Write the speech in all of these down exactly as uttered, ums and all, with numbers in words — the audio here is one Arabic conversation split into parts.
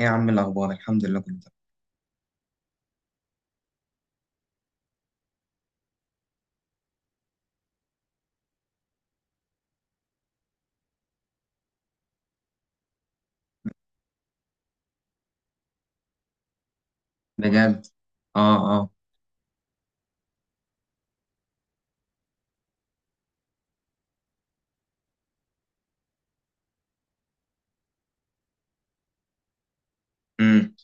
ايه يا عم، الاخبار الحمد لله كله تمام. بجد؟ اه، اه. امم.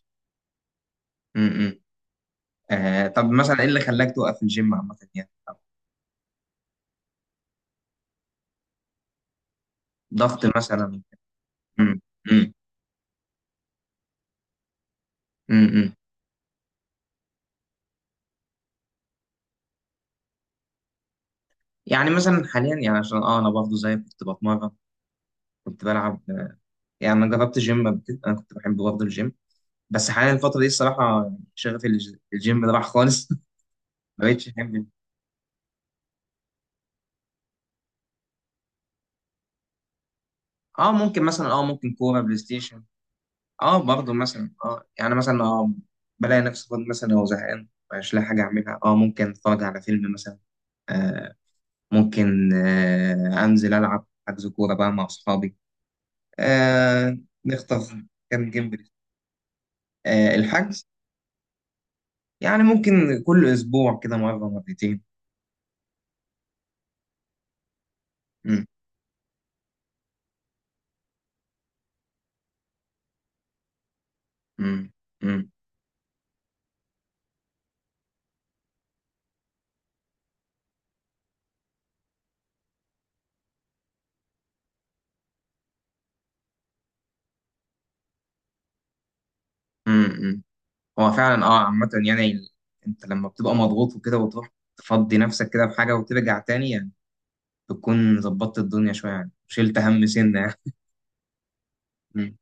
امم. آه، طب مثلا ايه اللي خلاك توقف الجيم عامه يعني؟ ضغط مثلا؟ امم. امم. امم. يعني مثلا حاليا يعني عشان اه انا برضه زي كنت بتمرن، كنت بلعب، آه، يعني انا جربت جيم قبل كده، انا كنت بحب برضه الجيم، بس حاليا الفتره دي الصراحه يعني شغفي للج- الجيم ده راح خالص ما بقتش احب. اه ممكن مثلا اه ممكن كوره، بلاي ستيشن. اه برضه مثلا، اه يعني مثلا، اه بلاقي نفسي فاضي مثلا او زهقان، مش لاقي حاجه اعملها، اه ممكن اتفرج على فيلم مثلا. آه ممكن، آه انزل العب حجز كوره بقى مع اصحابي. آه نخطف كام جيم بلاي. آه الحجز. يعني ممكن كل اسبوع كده، مره مرتين. مم، مم، مم، مم، مم. هو فعلا اه عامه يعني، ال- انت لما بتبقى مضغوط وكده وتروح تفضي نفسك كده بحاجه وترجع تاني، يعني بتكون ظبطت الدنيا شويه، يعني شلت هم سنه يعني. مم.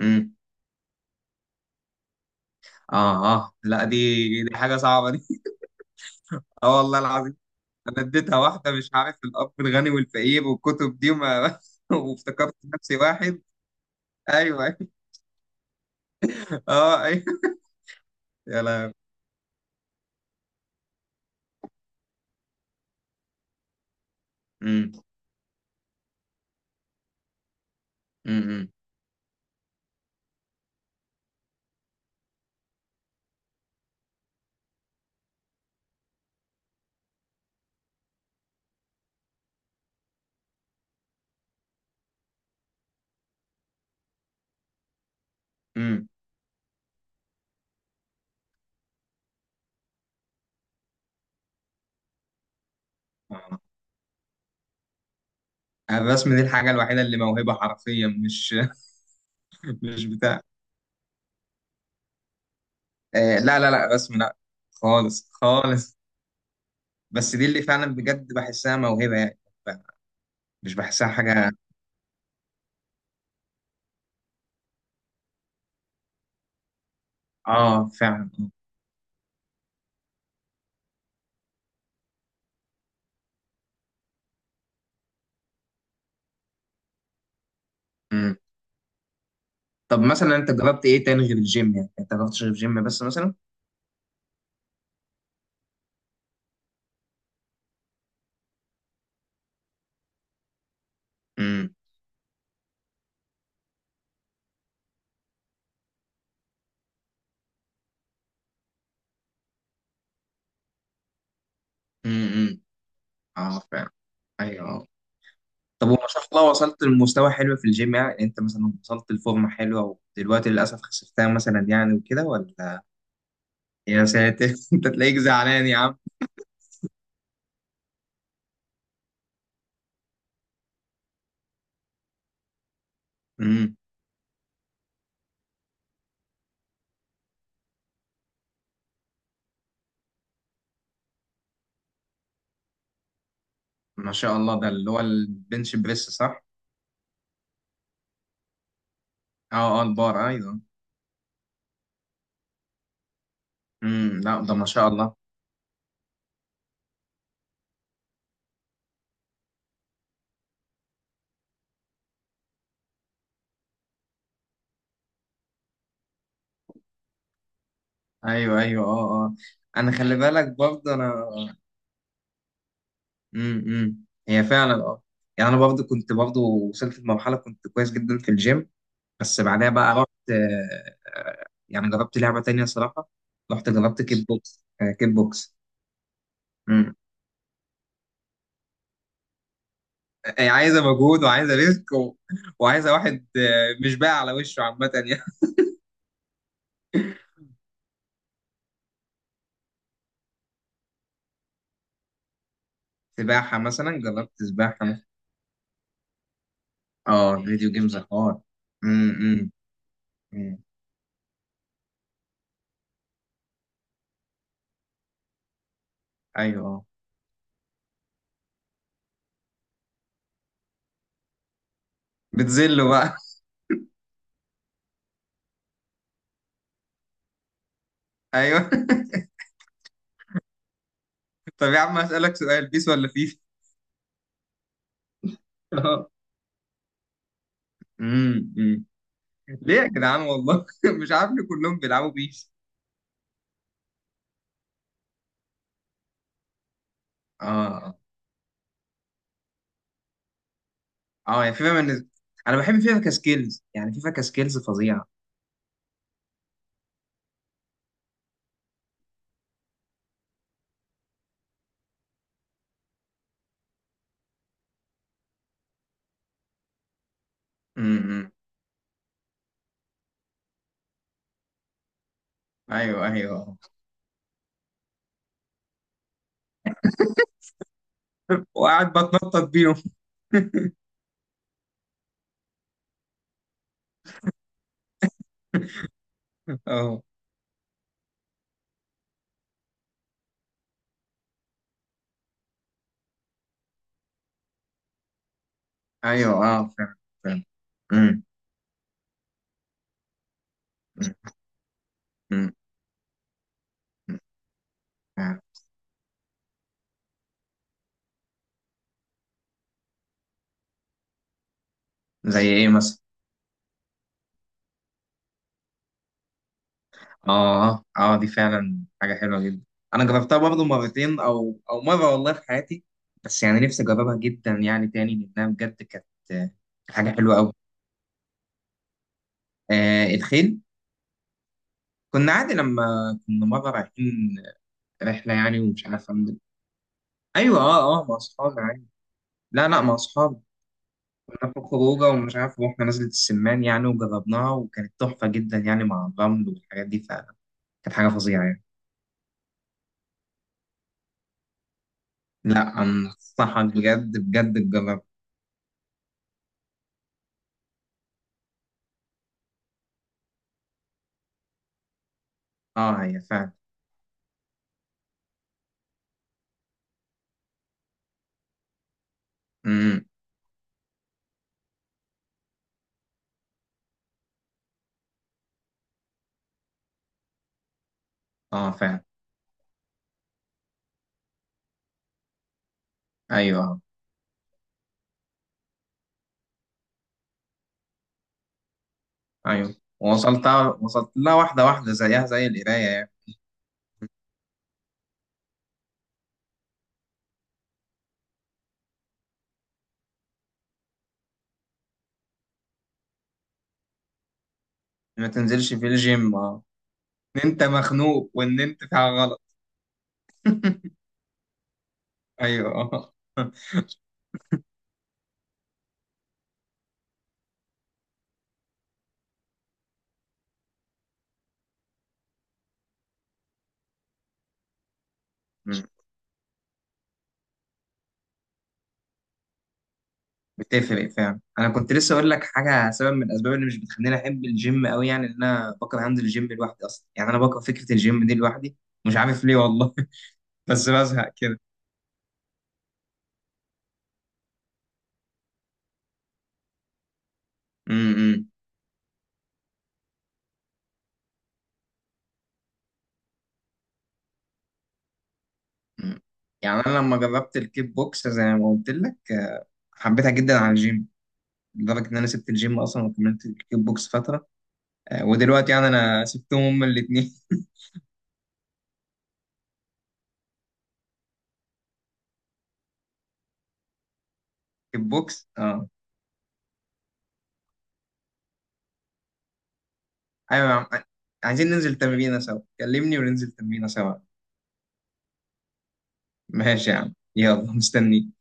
مم. اه، اه، لا، دي دي حاجه صعبه دي اه، والله العظيم، انا اديتها واحده مش عارف الاب الغني والفقير والكتب دي وما وافتكرت نفسي واحد. ايوه، أيوة. اه، ايوه. يا لا. امم. امم. امم. آه. آه، الرسم دي الحاجه الوحيده اللي موهبه حرفيا، مش مش بتاع. آه، لا، لا، لا، رسم، لا. خالص خالص. بس دي اللي فعلا بجد بحسها موهبه يعني، مش بحسها حاجه. اه، فعلا. امم. طب مثلا انت جربت ايه تاني غير الجيم؟ يعني انت جربتش غير الجيم بس مثلا؟ امم. امم. اه، فعلا. ايوه. طب وما شاء الله وصلت لمستوى حلو في الجيم، يعني انت مثلا وصلت لفورمه حلوه ودلوقتي للاسف خسفتها مثلا يعني وكده ولا؟ يا ساتر انت تلاقيك زعلان يا عم. امم. ما شاء الله، ده اللي هو البنش بريس، صح؟ اه، اه، البار، ايوه. امم. لا ده ما شاء الله. ايوه، ايوه، اه، اه. انا خلي بالك برضه انا. امم. امم. هي فعلا، اه يعني انا برضو كنت برضو وصلت لمرحله، كنت كويس جدا في الجيم. بس بعدها بقى رحت، آه، آه، يعني جربت لعبه تانية صراحه، رحت جربت كيك بوكس، آه، كيك بوكس. امم. هي عايزه مجهود وعايزه ريسك، و... وعايزه واحد، آه، مش باقي على وشه عامه يعني. سباحه مثلا، جربت سباحه مثلا. اه، فيديو جيمز حوار. امم. امم. امم. ايوه، اه. بتذله بقى. ايوه طب يا عم اسالك سؤال، بيس ولا فيفا؟ امم. امم. ليه يا جدعان والله مش عارف ليه كلهم بيلعبوا بيس. اه، اه، يعني فيفا بالنسبة، انا بحب فيفا كسكيلز يعني، فيفا كسكيلز فظيعة. امم. ايوه، ايوه وقاعد بتنطط بيهم اه، ايوه. اه، فعلا. فعلا. امم. أمم، أمم، أمم، فعلا. زي ايه مثلا؟ اه، اه، دي فعلا حاجة حلوة جدا، انا جربتها برضه مرتين او او مرة والله في حياتي، بس يعني نفسي اجربها جدا يعني تاني لانها بجد كانت آه، حاجة حلوة قوي. آه، الخيل. كنا عادي لما كنا مرة رايحين رحلة يعني، ومش عارف أعمل. أيوة، أه، أه، مع أصحابي عادي. لا، لا، مع أصحابي. كنا في خروجة، ومش عارف رحنا نزلة السمان يعني وجربناها، وكانت تحفة جدا يعني، مع الرمل والحاجات دي فعلا، كانت حاجة فظيعة يعني. لا أنصحك، بجد بجد تجرب. أه، هي فعلا. أمم. أه، فعلا. أيوة، أه. أيوة، وصلت، وصلت لها واحدة واحدة زيها زي القراية يعني. ما تنزلش في الجيم، أه. إن أنت مخنوق وإن أنت في حاجة غلط. أيوة أه. بتفرق فعلا، انا كنت لسه اقول لك حاجه، سبب من الاسباب اللي مش بتخليني احب الجيم قوي يعني، ان انا بكره انزل الجيم لوحدي اصلا، يعني انا بكره فكره الجيم دي لوحدي، مش عارف ليه والله بس بزهق كده. امم. يعني انا لما جربت الكيك بوكس زي ما قلت لك، آه، حبيتها جدا عن الجيم، لدرجه ان انا سبت الجيم اصلا وكملت الكيك بوكس فتره، آه، ودلوقتي يعني انا سبتهم هما الاثنين كيك بوكس، اه، ايوه يا عم. عايزين ننزل تمرينه سوا، كلمني وننزل تمرينه سوا. ماشي يا عم، يلا مستنيك.